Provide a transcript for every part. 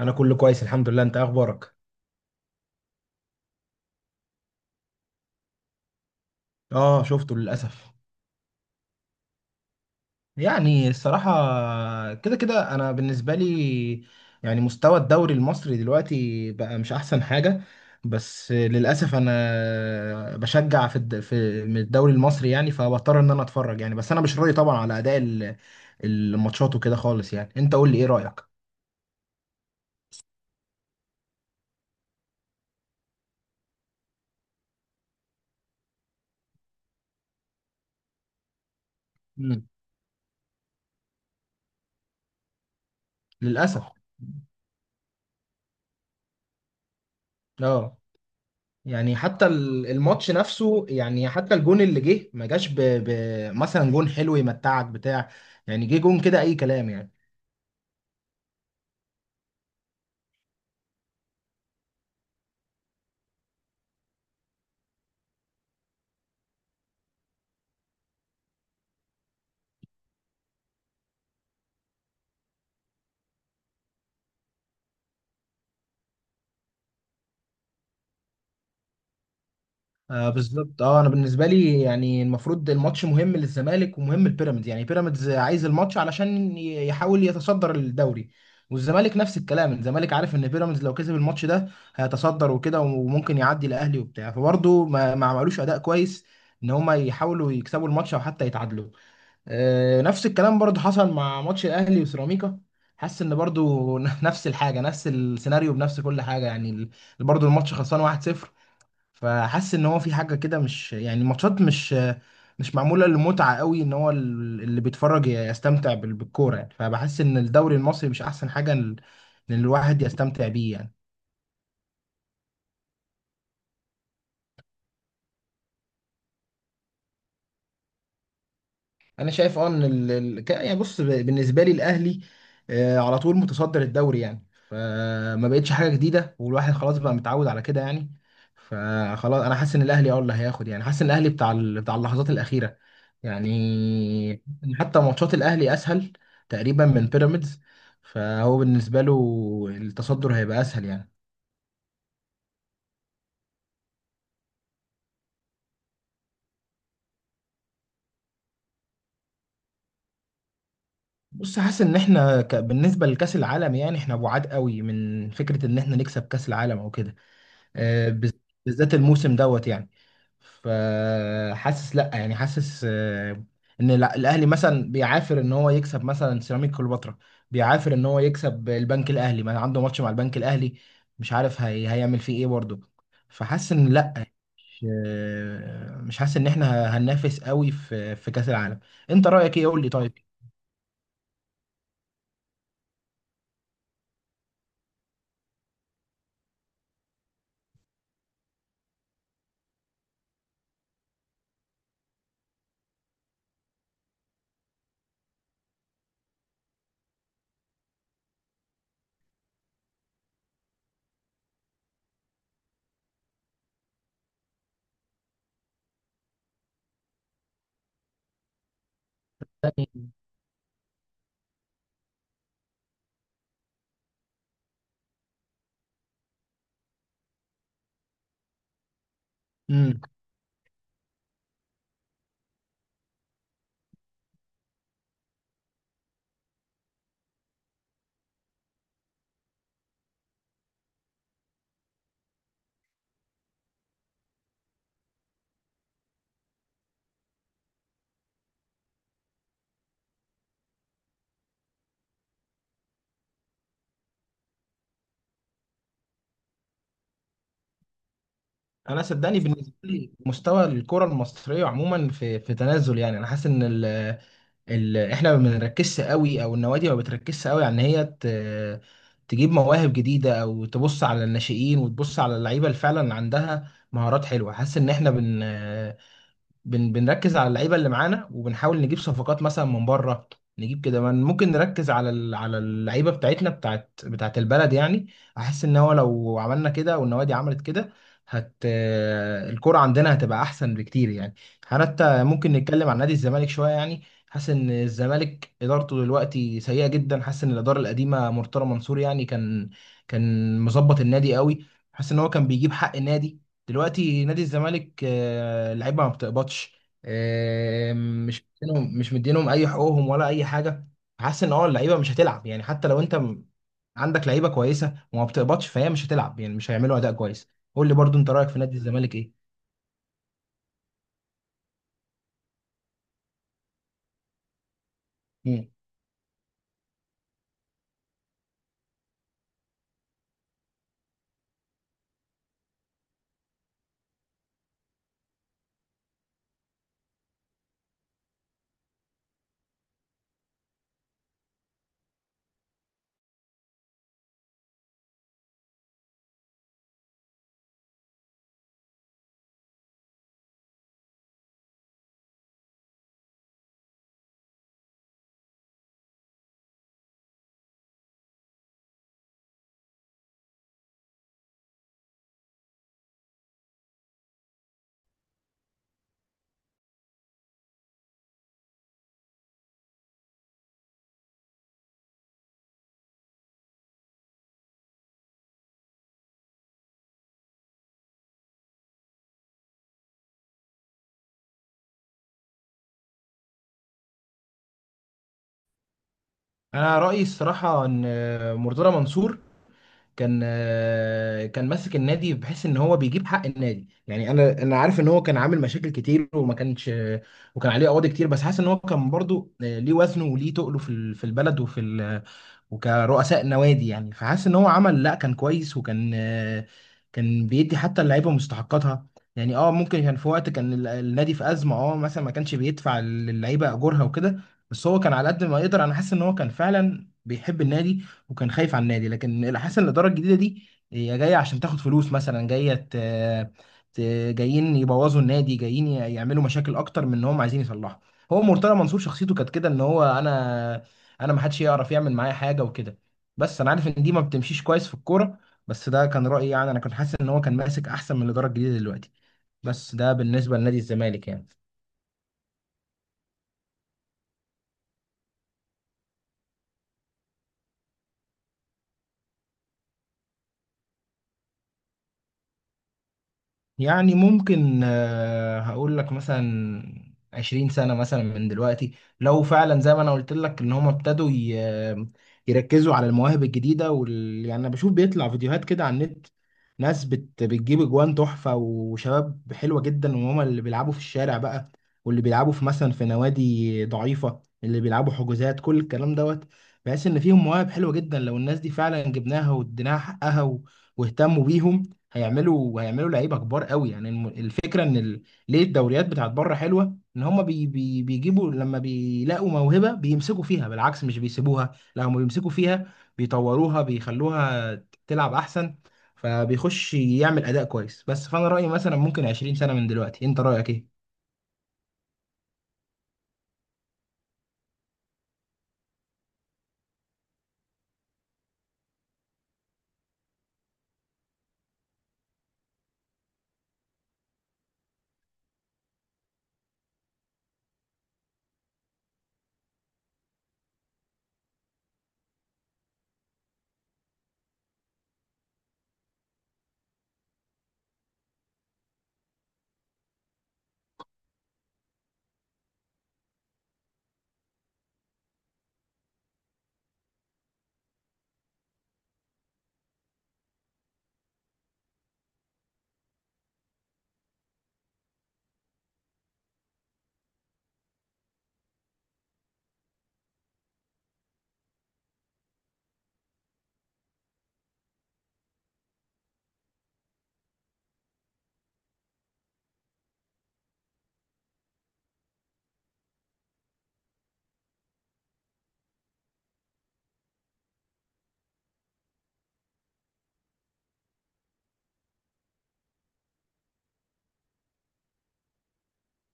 انا كله كويس، الحمد لله. انت إيه اخبارك؟ اه، شفته للاسف. يعني الصراحه كده كده انا بالنسبه لي، يعني مستوى الدوري المصري دلوقتي بقى مش احسن حاجه. بس للاسف انا بشجع في من الدوري المصري، يعني فبضطر ان انا اتفرج يعني. بس انا مش راضي طبعا على اداء الماتشات وكده خالص. يعني انت قول لي ايه رايك؟ مم. للاسف. اه، يعني حتى الماتش نفسه، يعني حتى الجون اللي جه ما جاش مثلا جون حلو يمتعك بتاع. يعني جه جون كده اي كلام يعني. آه، بالظبط. اه، انا بالنسبه لي يعني المفروض الماتش مهم للزمالك ومهم لبيراميدز. يعني بيراميدز عايز الماتش علشان يحاول يتصدر الدوري، والزمالك نفس الكلام. الزمالك عارف ان بيراميدز لو كسب الماتش ده هيتصدر وكده، وممكن يعدي الاهلي وبتاع. فبرضه ما عملوش اداء كويس ان هما يحاولوا يكسبوا الماتش او حتى يتعادلوا. نفس الكلام برضو حصل مع ماتش الاهلي وسيراميكا. حاسس ان برضو نفس الحاجه، نفس السيناريو، بنفس كل حاجه يعني. برضو الماتش خلصان 1-0. فحاسس ان هو في حاجه كده، مش يعني الماتشات مش معموله للمتعه قوي، ان هو اللي بيتفرج يستمتع بالكوره يعني. فبحس ان الدوري المصري مش احسن حاجه ان الواحد يستمتع بيه يعني. انا شايف اه ان يعني بص، بالنسبه لي الاهلي على طول متصدر الدوري، يعني فما بقتش حاجه جديده، والواحد خلاص بقى متعود على كده يعني. فخلاص انا حاسس ان الاهلي اللي هياخد. يعني حاسس ان الاهلي بتاع بتاع اللحظات الاخيره يعني. حتى ماتشات الاهلي اسهل تقريبا من بيراميدز، فهو بالنسبه له التصدر هيبقى اسهل يعني. بص، حاسس ان احنا بالنسبه لكاس العالم، يعني احنا بعاد قوي من فكره ان احنا نكسب كاس العالم او كده. آه، بز- بالذات الموسم دوت يعني. فحاسس لا، يعني حاسس ان الاهلي مثلا بيعافر ان هو يكسب مثلا سيراميك كليوباترا، بيعافر ان هو يكسب البنك الاهلي. ما عنده ماتش مع البنك الاهلي، مش عارف هي هيعمل فيه ايه برضه. فحاسس ان لا، مش حاسس ان احنا هننافس قوي في كاس العالم. انت رايك ايه؟ قول لي طيب. امم انا صدقني، بالنسبه لي مستوى الكره المصريه عموما في تنازل يعني. انا حاسس ان احنا ما بنركزش قوي، او النوادي ما بتركزش قوي على ان هي تجيب مواهب جديده او تبص على الناشئين وتبص على اللعيبه اللي فعلا عندها مهارات حلوه. حاسس ان احنا بن بن بنركز على اللعيبه اللي معانا، وبنحاول نجيب صفقات مثلا من بره. نجيب كده ممكن نركز على على اللعيبه بتاعتنا، بتاعت البلد يعني. احس ان هو لو عملنا كده والنوادي عملت كده، هت آه، الكرة عندنا هتبقى احسن بكتير يعني. حتى ممكن نتكلم عن نادي الزمالك شويه يعني. حاسس ان الزمالك ادارته دلوقتي سيئه جدا. حاسس ان الاداره القديمه مرتضى منصور يعني كان مظبط النادي قوي. حاسس ان هو كان بيجيب حق النادي. دلوقتي نادي الزمالك اللعيبه ما بتقبضش. مش مدينهم اي حقوقهم ولا اي حاجه. حاسس ان اللعيبه مش هتلعب يعني، حتى لو انت عندك لعيبه كويسه وما بتقبضش فهي مش هتلعب يعني، مش هيعملوا اداء كويس. قول لي برضو انت رايك في نادي الزمالك ايه؟ مم. انا رايي الصراحه ان مرتضى منصور كان ماسك النادي بحيث ان هو بيجيب حق النادي يعني. انا عارف ان هو كان عامل مشاكل كتير وما كانش، وكان عليه قواضي كتير. بس حاسس ان هو كان برضو ليه وزنه وليه تقله في في البلد وفي وكرؤساء نوادي يعني. فحاسس ان هو عمل، لا كان كويس، وكان كان بيدي حتى اللعيبه مستحقاتها يعني. اه، ممكن كان في وقت كان النادي في ازمه، اه مثلا ما كانش بيدفع للعيبه اجورها وكده. بس هو كان على قد ما يقدر. انا حاسس ان هو كان فعلا بيحب النادي وكان خايف على النادي. لكن حاسس ان الاداره الجديده دي هي جايه عشان تاخد فلوس، مثلا جايه ت... جايين يبوظوا النادي، جايين يعملوا مشاكل اكتر من ان هم عايزين يصلحوا. هو مرتضى منصور شخصيته كانت كده ان هو انا ما حدش يعرف يعمل معايا حاجه وكده. بس انا عارف ان دي ما بتمشيش كويس في الكوره. بس ده كان رايي يعني، انا كنت حاسس ان هو كان ماسك احسن من الاداره الجديده دلوقتي. بس ده بالنسبه لنادي الزمالك يعني. يعني ممكن هقول لك مثلا 20 سنة مثلا من دلوقتي. لو فعلا زي ما أنا قلت لك إن هم ابتدوا يركزوا على المواهب الجديدة يعني أنا بشوف بيطلع فيديوهات كده على النت. ناس بتجيب أجوان تحفة وشباب حلوة جدا، وهم اللي بيلعبوا في الشارع بقى، واللي بيلعبوا في مثلا في نوادي ضعيفة، اللي بيلعبوا حجوزات، كل الكلام دوت. بحيث إن فيهم مواهب حلوة جدا. لو الناس دي فعلا جبناها واديناها حقها واهتموا بيهم، هيعملوا هيعملوا لعيبه كبار قوي يعني. الفكره ان ليه الدوريات بتاعت بره حلوه ان هم بيجيبوا، لما بيلاقوا موهبه بيمسكوا فيها، بالعكس مش بيسيبوها، لا هم بيمسكوا فيها بيطوروها بيخلوها تلعب احسن. فبيخش يعمل اداء كويس بس. فانا رايي مثلا ممكن 20 سنه من دلوقتي. انت رايك ايه؟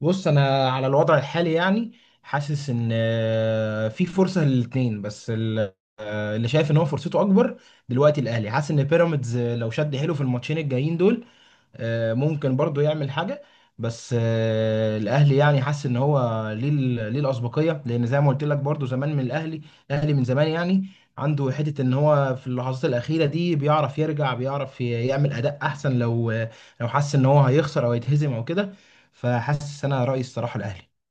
بص، انا على الوضع الحالي يعني حاسس ان في فرصه للاثنين، بس اللي شايف ان هو فرصته اكبر دلوقتي الاهلي. حاسس ان بيراميدز لو شد حيله في الماتشين الجايين دول، ممكن برضو يعمل حاجة. بس الاهلي يعني حاسس ان هو ليه ليه الاسبقيه، لان زي ما قلت لك برضو زمان من الاهلي. الاهلي من زمان يعني عنده حته ان هو في اللحظات الاخيره دي بيعرف يرجع، بيعرف يعمل اداء احسن، لو حس ان هو هيخسر او يتهزم او كده. فحاسس انا رايي الصراحه الاهلي